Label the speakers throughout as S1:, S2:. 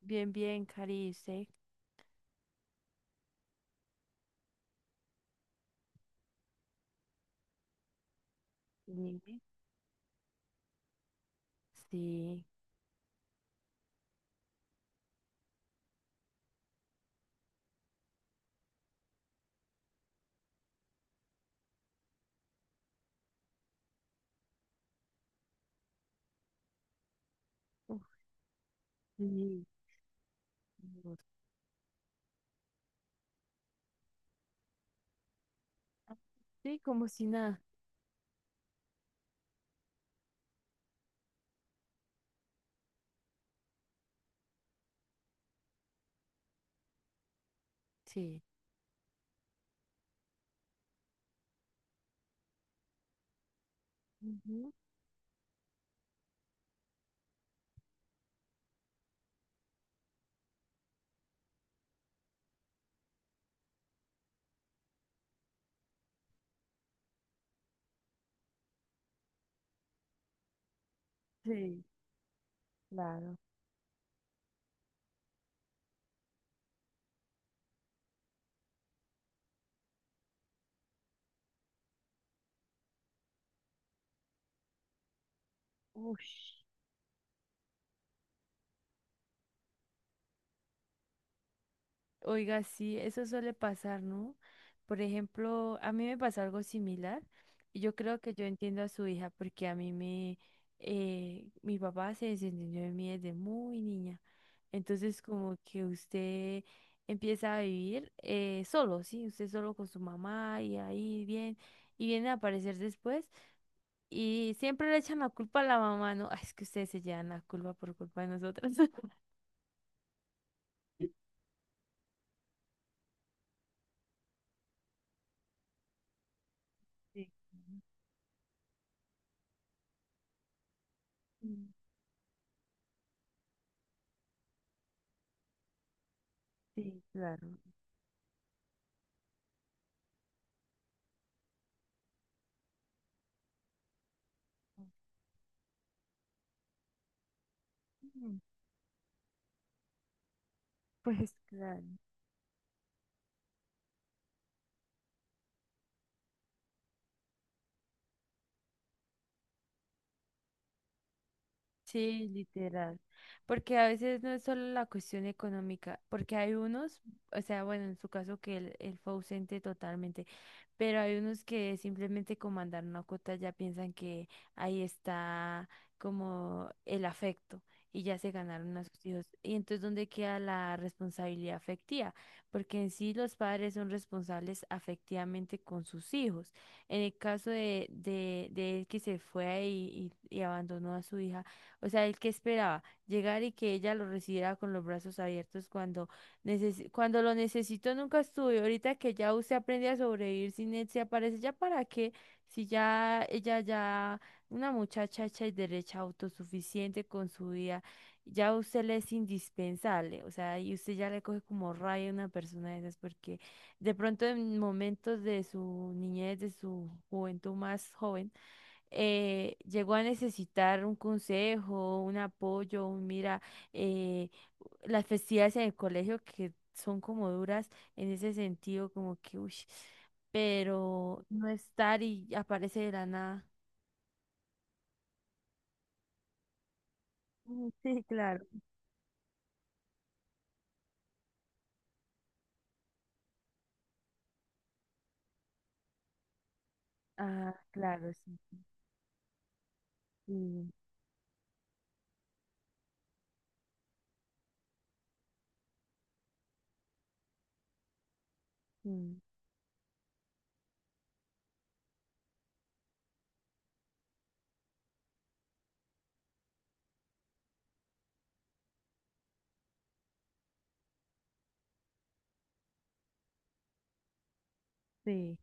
S1: Bien, bien, Cari, ¿usted? Sí, sí. Uf, sí, Dios. Sí, como si nada. Sí. Ujú, sí, claro. Ush. Oiga, sí, eso suele pasar, ¿no? Por ejemplo, a mí me pasó algo similar y yo creo que yo entiendo a su hija porque mi papá se desentendió de mí desde muy niña. Entonces, como que usted empieza a vivir solo, ¿sí? Usted solo con su mamá y ahí bien, y viene a aparecer después y siempre le echan la culpa a la mamá, ¿no? Ay, es que ustedes se llevan la culpa por culpa de nosotras. Sí, sí, claro. Mm, pues claro. Sí, literal. Porque a veces no es solo la cuestión económica, porque hay unos, o sea, bueno, en su caso que él fue ausente totalmente, pero hay unos que simplemente con mandar una cuota ya piensan que ahí está como el afecto y ya se ganaron a sus hijos. Y entonces, ¿dónde queda la responsabilidad afectiva? Porque en sí los padres son responsables afectivamente con sus hijos. En el caso de él que se fue y abandonó a su hija. O sea, él que esperaba llegar y que ella lo recibiera con los brazos abiertos cuando, cuando lo necesitó nunca estuvo. Y ahorita que ya usted aprende a sobrevivir sin él, se aparece ya para qué, si ya ella ya, una muchacha hecha y derecha, autosuficiente con su vida, ya usted le es indispensable. O sea, y usted ya le coge como raya a una persona de esas porque de pronto en momentos de su niñez, de su juventud más joven, llegó a necesitar un consejo, un apoyo, un mira, eh, las festividades en el colegio que son como duras en ese sentido, como que, uy, pero no estar y aparece de la nada. Mm, sí, claro. Ah, claro, sí. Sí, sí, sí.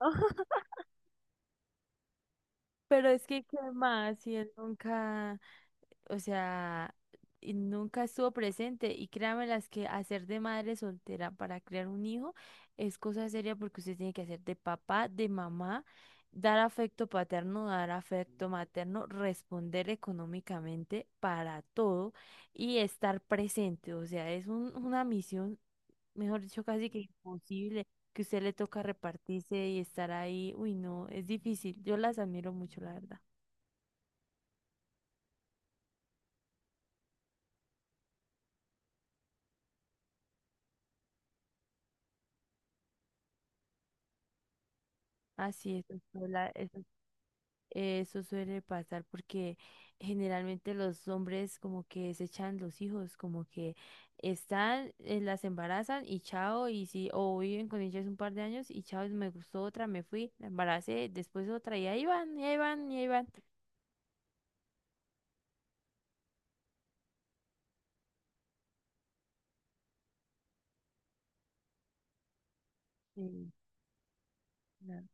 S1: Pero es que, ¿qué más? Si él nunca, o sea, y nunca estuvo presente. Y créanme las que hacer de madre soltera para crear un hijo es cosa seria porque usted tiene que hacer de papá, de mamá, dar afecto paterno, dar afecto materno, responder económicamente para todo y estar presente. O sea, es una misión, mejor dicho, casi que imposible, que usted le toca repartirse y estar ahí, uy, no, es difícil. Yo las admiro mucho, la verdad. Así es, doctora, eso. Suele pasar porque generalmente los hombres como que desechan los hijos, como que están, las embarazan y chao, y si, o viven con ellas un par de años y chao, me gustó otra, me fui, la embaracé, después otra, y ahí van, y ahí van, y ahí van. Sí, claro.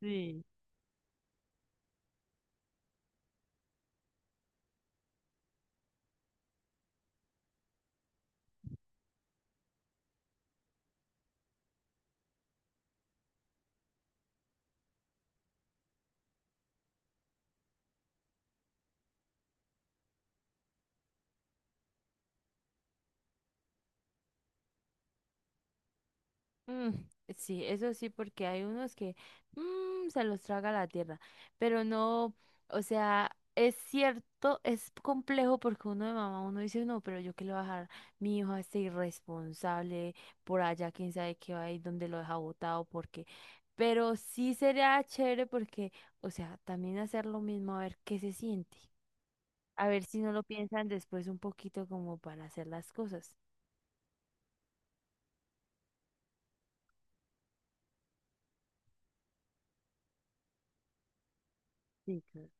S1: Sí. Mm, sí, eso sí, porque hay unos que se los traga la tierra, pero no, o sea, es cierto, es complejo porque uno de mamá, uno dice, no, pero yo qué le voy a dejar mi hijo a este irresponsable por allá, quién sabe qué va a ir, dónde lo deja botado, porque, pero sí sería chévere porque, o sea, también hacer lo mismo, a ver qué se siente, a ver si no lo piensan después un poquito como para hacer las cosas. Sí, claro.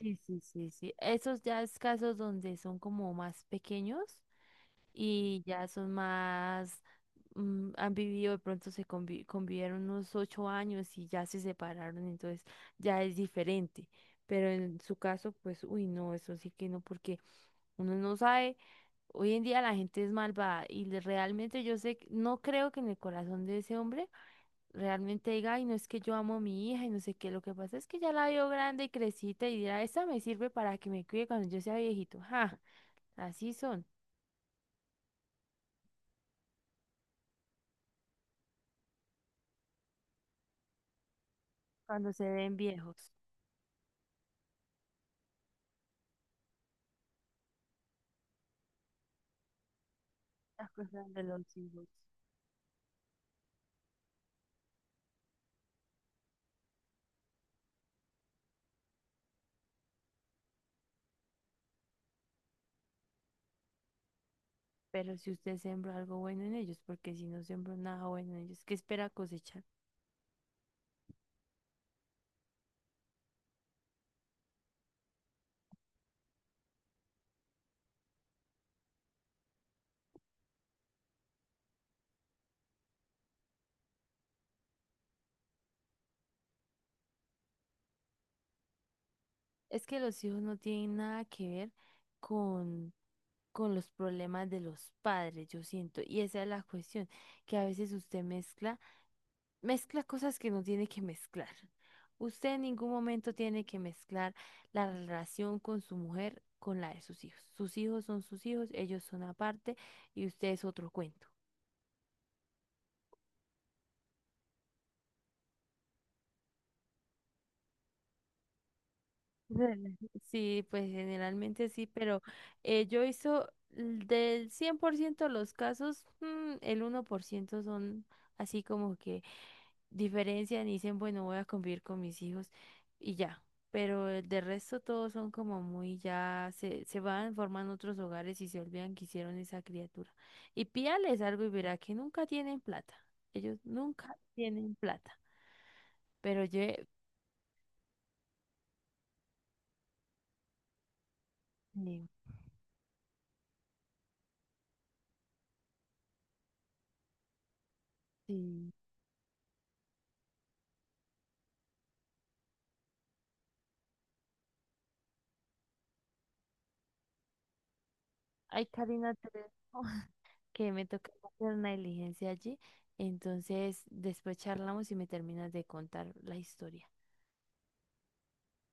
S1: Sí, sí, sí, sí. Esos ya es casos donde son como más pequeños y ya son más, han vivido, de pronto convivieron unos 8 años y ya se separaron, entonces ya es diferente. Pero en su caso, pues, uy, no, eso sí que no, porque uno no sabe, hoy en día la gente es malvada y realmente yo sé, no creo que en el corazón de ese hombre realmente diga, ay, no es que yo amo a mi hija y no sé qué, lo que pasa es que ya la veo grande y crecita y dirá, esa me sirve para que me cuide cuando yo sea viejito. Ja, así son cuando se ven viejos, las cosas de los hijos. Pero si usted sembró algo bueno en ellos, porque si no sembró nada bueno en ellos, ¿qué espera cosechar? Es que los hijos no tienen nada que ver con, con los problemas de los padres, yo siento. Y esa es la cuestión, que a veces usted mezcla cosas que no tiene que mezclar. Usted en ningún momento tiene que mezclar la relación con su mujer con la de sus hijos. Sus hijos son sus hijos, ellos son aparte y usted es otro cuento. Ujú. Sí, pues generalmente sí, pero yo hizo del 100% los casos, el 1% son así como que diferencian y dicen, bueno, voy a convivir con mis hijos y ya. Pero de resto todos son como muy ya, se van, forman otros hogares y se olvidan que hicieron esa criatura. Y pídales algo y verá que nunca tienen plata. Ellos nunca tienen plata. Pero yo, sí, sí. Ay, Karina, te dejo, que me toca hacer una diligencia allí. Entonces, después charlamos y me terminas de contar la historia.